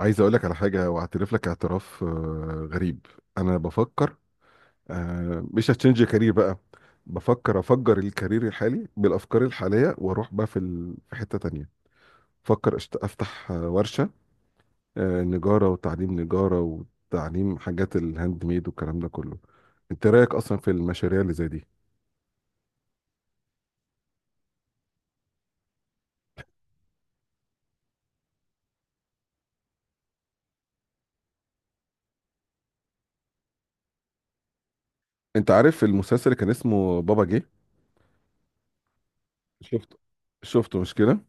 عايز اقول لك على حاجه واعترف لك اعتراف غريب. انا بفكر. مش هتشنج كارير بقى. بفكر افجر الكارير الحالي بالافكار الحاليه واروح بقى في حته تانية. بفكر افتح ورشه، نجاره وتعليم نجاره، وتعليم حاجات الهاند ميد والكلام ده كله. انت رايك اصلا في المشاريع اللي زي دي؟ انت عارف المسلسل اللي كان اسمه بابا جه؟ شفته؟ شفته مش كده؟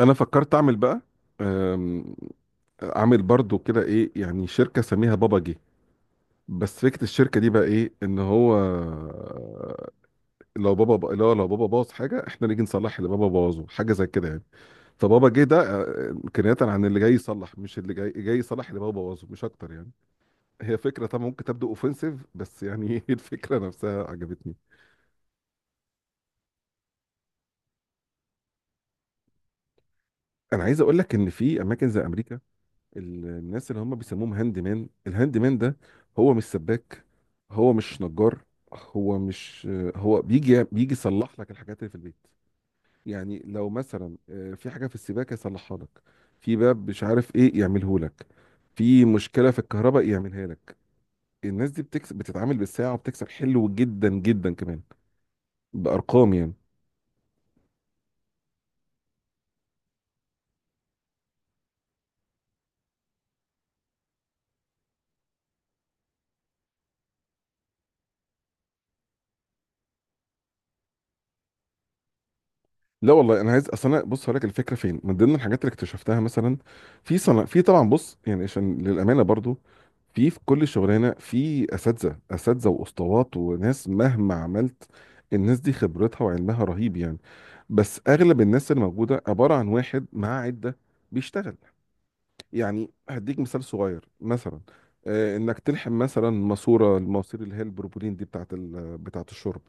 انا فكرت اعمل بقى، عامل برضو كده ايه يعني، شركة سميها بابا جه. بس فكرة الشركة دي بقى ايه؟ ان هو لو بابا باظ حاجة احنا نيجي نصلح اللي بابا بوظه، حاجة زي كده يعني. فبابا جه ده كناية عن اللي جاي يصلح، مش اللي جاي يصلح اللي بابا بوظه، مش اكتر يعني. هي فكرة طبعا ممكن تبدو اوفنسيف، بس يعني هي الفكرة نفسها عجبتني. انا عايز اقول لك ان في اماكن زي امريكا، الناس اللي هم بيسموهم هاند مان، الهاند مان ده هو مش سباك، هو مش نجار، هو مش، هو بيجي يصلح لك الحاجات اللي في البيت. يعني لو مثلا في حاجه في السباكه يصلحها لك، في باب مش عارف ايه يعمله لك، في مشكله في الكهرباء يعملها لك. الناس دي بتكسب، بتتعامل بالساعه وبتكسب حلو جدا جدا كمان، بارقام يعني. لا والله، انا عايز، اصل انا بص هقول لك الفكره فين من ضمن الحاجات اللي اكتشفتها. مثلا في صنع، في طبعا، بص يعني عشان للامانه برضو، في كل شغلانه في اساتذه، اساتذه واسطوات وناس مهما عملت، الناس دي خبرتها وعلمها رهيب يعني. بس اغلب الناس اللي موجوده عباره عن واحد معاه عده بيشتغل. يعني هديك مثال صغير مثلا، انك تلحم مثلا ماسوره، الماسير اللي هي البروبولين دي بتاعت بتاعت الشرب.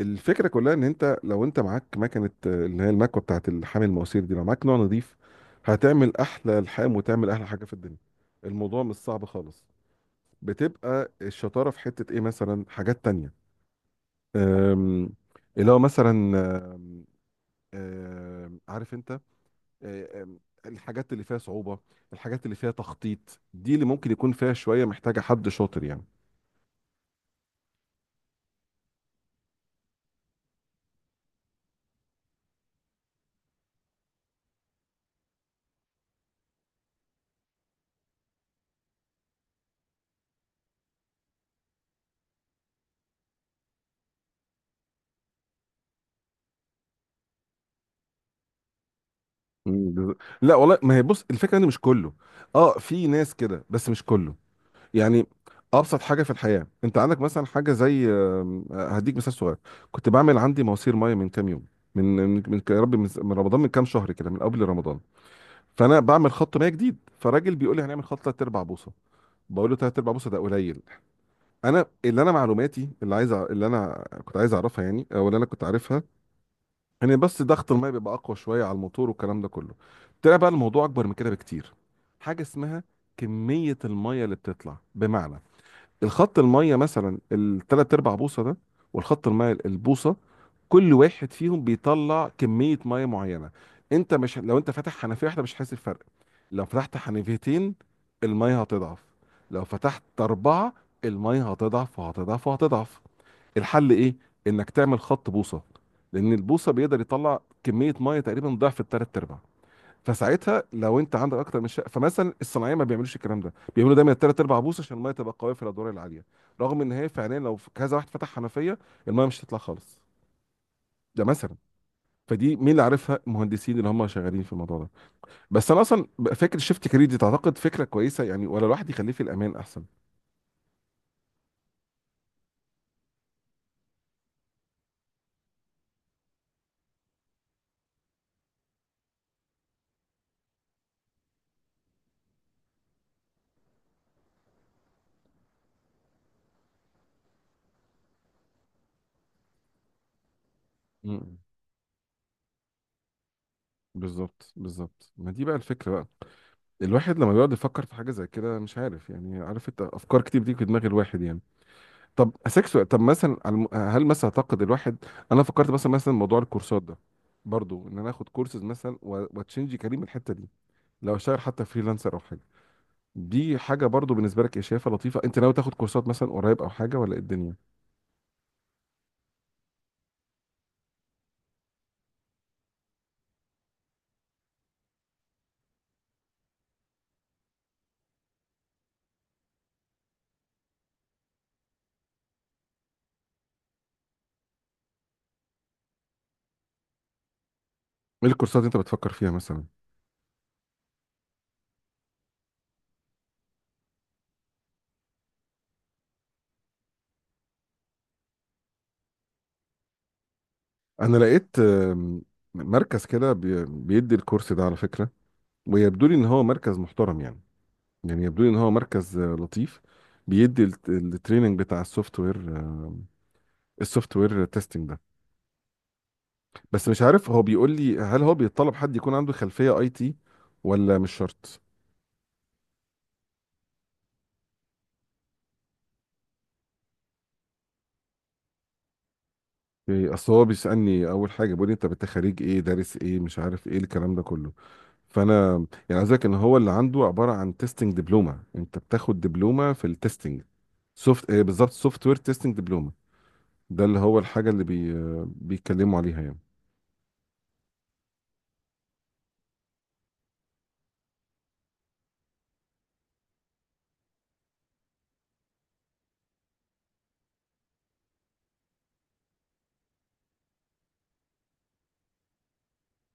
الفكره كلها ان انت، لو انت معاك مكنه اللي هي المكوه بتاعت الحامل المواسير دي، لو معاك نوع نظيف هتعمل احلى الحام وتعمل احلى حاجه في الدنيا. الموضوع مش صعب خالص. بتبقى الشطاره في حته ايه؟ مثلا حاجات تانية، أم، اللي هو مثلا، أم، أم، عارف انت، أم، الحاجات اللي فيها صعوبه، الحاجات اللي فيها تخطيط دي اللي ممكن يكون فيها شويه، محتاجه حد شاطر يعني. مم، بز- لا والله، ما هي بص الفكره ان مش كله. اه، في ناس كده بس مش كله يعني. ابسط حاجه في الحياه، انت عندك مثلا حاجه زي، هديك مثال صغير. كنت بعمل عندي مواسير ميه من كام يوم. من يا ربي، من رمضان، من كام شهر كده، من قبل رمضان. فانا بعمل خط ميه جديد، فراجل بيقول لي هنعمل خط 3 ارباع بوصه. بقول له 3 ارباع بوصه ده قليل. انا اللي، انا معلوماتي اللي عايز اللي انا كنت عايز اعرفها يعني، او اللي انا كنت عارفها، ان بس ضغط الميه بيبقى اقوى شويه على الموتور والكلام ده كله. طلع بقى الموضوع اكبر من كده بكتير. حاجه اسمها كميه الميه اللي بتطلع، بمعنى الخط الميه مثلا الثلاث ارباع بوصه ده والخط الميه البوصه، كل واحد فيهم بيطلع كميه ميه معينه. انت، مش لو انت فاتح حنفيه واحده مش هتحس بفرق. لو فتحت حنفيتين الميه هتضعف، لو فتحت اربعه الميه هتضعف وهتضعف وهتضعف. الحل ايه؟ انك تعمل خط بوصه، لان البوصه بيقدر يطلع كميه ميه تقريبا ضعف الثلاث ارباع. فساعتها لو انت عندك اكتر من شقه، فمثلا الصناعيه ما بيعملوش الكلام ده، بيعملوا دايما الثلاث ارباع بوصه عشان الميه تبقى قويه في الادوار العاليه، رغم ان هي فعليا لو كذا واحد فتح حنفيه الميه مش هتطلع خالص. ده مثلا. فدي مين اللي عارفها؟ المهندسين اللي هم شغالين في الموضوع ده. بس انا اصلا، فكره شيفت كارير دي تعتقد فكره كويسه يعني، ولا الواحد يخليه في الامان احسن؟ مم. بالظبط بالظبط، ما دي بقى الفكره بقى. الواحد لما بيقعد يفكر في حاجه زي كده، مش عارف يعني، عارف انت افكار كتير بتيجي في دماغ الواحد يعني. طب سكسو، طب مثلا على هل مثلا، اعتقد الواحد، انا فكرت مثلا، موضوع الكورسات ده برضو، ان انا اخد كورسز مثلا واتشنجي كريم الحته دي، لو اشتغل حتى فريلانسر او حاجه. دي حاجه برضو بالنسبه لك، ايه، شايفها لطيفه؟ انت ناوي تاخد كورسات مثلا قريب او حاجه، ولا ايه الدنيا؟ ايه الكورسات اللي انت بتفكر فيها مثلا؟ انا لقيت، مركز كده بيدي الكورس ده على فكره، ويبدو لي ان هو مركز محترم يعني. يعني يبدو لي ان هو مركز لطيف، بيدي التريننج بتاع السوفت وير، السوفت وير تيستنج ده. بس مش عارف، هو بيقول لي هل هو بيطلب حد يكون عنده خلفية اي تي ولا مش شرط؟ إيه، اصل هو بيسألني اول حاجة، بيقول لي انت خريج ايه، دارس ايه، مش عارف ايه الكلام ده كله. فانا، يعني عايز أقولك ان هو اللي عنده عبارة عن تيستنج دبلومة، انت بتاخد دبلومة في التيستنج، سوفت إيه بالظبط، سوفت وير تيستنج دبلومة، ده اللي هو الحاجة اللي بيتكلموا عليها يعني.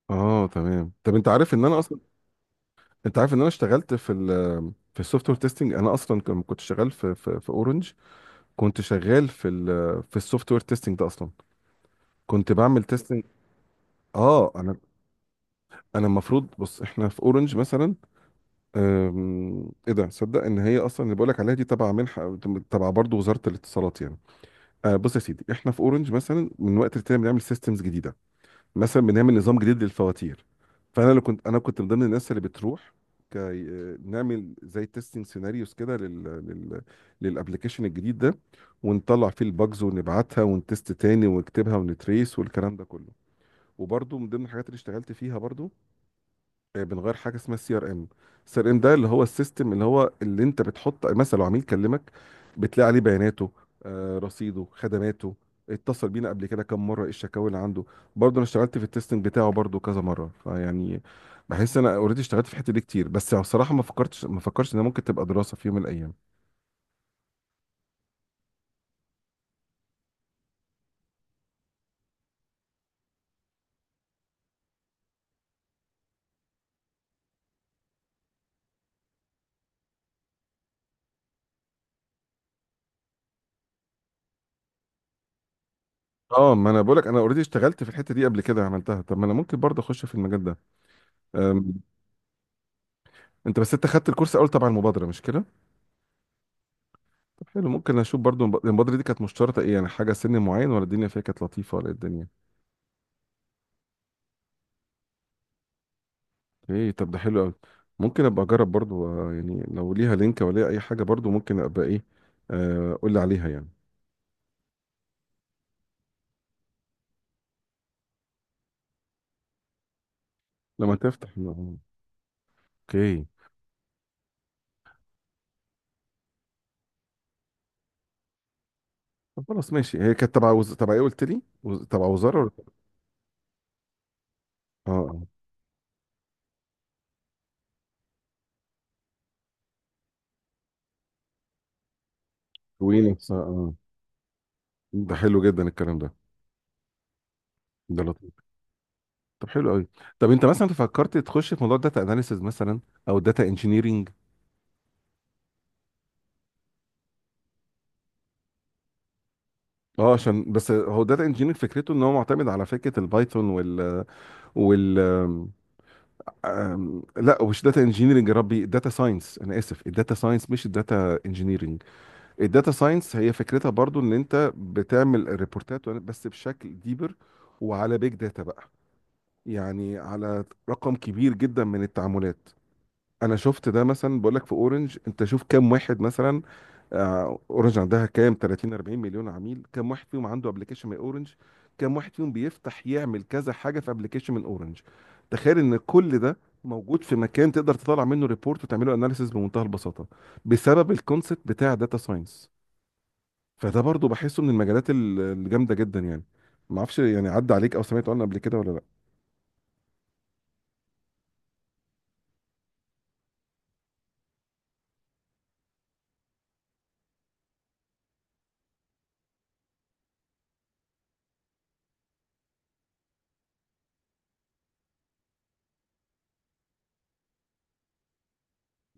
اه تمام. طب انت عارف ان انا اصلا، انت عارف ان انا اشتغلت في السوفت وير تيستنج، انا اصلا كنت شغال في اورنج، كنت شغال في السوفت وير تيستنج ده اصلا، كنت بعمل تيستنج. اه، انا المفروض، بص احنا في اورنج مثلا، ايه ده، صدق ان هي اصلا اللي بقول لك عليها دي تبع منحه، تبع برضه وزاره الاتصالات يعني. بص يا سيدي، احنا في اورنج مثلا من وقت للتاني بنعمل سيستمز جديده، مثلا بنعمل نظام جديد للفواتير. فانا اللي كنت، انا كنت من ضمن الناس اللي بتروح كي نعمل زي تيستنج سيناريوز كده لل لل للابلكيشن الجديد ده، ونطلع فيه الباجز ونبعتها ونتست تاني ونكتبها ونتريس والكلام ده كله. وبرضه من ضمن الحاجات اللي اشتغلت فيها برضه، بنغير حاجه اسمها السي ار ام. السي ار ام ده اللي هو السيستم اللي هو اللي انت بتحط مثلا، لو عميل كلمك بتلاقي عليه بياناته، رصيده، خدماته، اتصل بينا قبل كده كم مره، ايه الشكاوي اللي عنده. برضه انا اشتغلت في التستنج بتاعه برضه كذا مره فيعني. بحس انا اوريدي اشتغلت في الحته دي كتير، بس بصراحه ما فكرتش انها ممكن تبقى دراسه في يوم من الايام. اه، ما انا بقولك، انا اوريدي اشتغلت في الحته دي قبل كده، عملتها. طب ما انا ممكن برضه اخش في المجال ده. أم، انت بس، انت خدت الكورس اول تبع المبادره مش كده؟ طب حلو، ممكن اشوف برضو البودره دي كانت مشترطه ايه؟ يعني حاجه سن معين، ولا الدنيا فيها كانت لطيفه، ولا إيه الدنيا؟ ايه؟ طب ده حلو قوي. ممكن ابقى اجرب برضو، يعني لو ليها لينك، ولا ليها اي حاجه، برضو ممكن ابقى ايه. قول لي عليها يعني. لما تفتح، اوكي. طب خلاص، ماشي. هي كانت تبع تبع ايه قلت لي، تبع وزاره ولا؟ اه، اه. وينكس. اه، اه. ده حلو جدا الكلام ده، ده لطيف. طب حلو قوي. طب انت مثلا فكرت تخش في موضوع الداتا اناليسز مثلا او الداتا انجينيرنج؟ اه، عشان بس هو داتا انجينير فكرته ان هو معتمد على فكره البايثون وال وال لا، مش داتا انجينيرنج، يا ربي، داتا ساينس، انا اسف، الداتا ساينس مش الداتا انجينيرنج. الداتا ساينس هي فكرتها برضو ان انت بتعمل ريبورتات بس بشكل ديبر، وعلى بيج داتا بقى، يعني على رقم كبير جدا من التعاملات. انا شفت ده مثلا. بقول لك في اورنج، انت شوف كام واحد مثلا، اورنج عندها كام، 30 40 مليون عميل، كام واحد فيهم عنده ابلكيشن من اورنج، كام واحد فيهم بيفتح يعمل كذا حاجه في ابلكيشن من اورنج. تخيل ان كل ده موجود في مكان تقدر تطلع منه ريبورت وتعمله اناليسيس بمنتهى البساطه، بسبب الكونسبت بتاع داتا ساينس. فده برضو بحسه من المجالات الجامده جدا يعني. ما اعرفش يعني، عدى عليك او سمعت عنه قبل كده ولا لا؟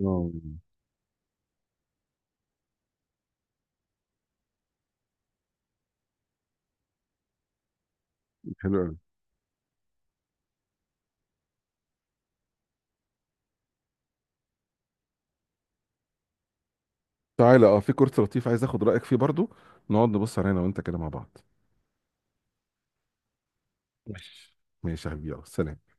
اه، حلو، تعالى، اه في كورس لطيف عايز اخد رايك فيه برضو، نقعد نبص علينا وانت كده مع بعض. ماشي. ماشي يا حبيبي، يلا سلام.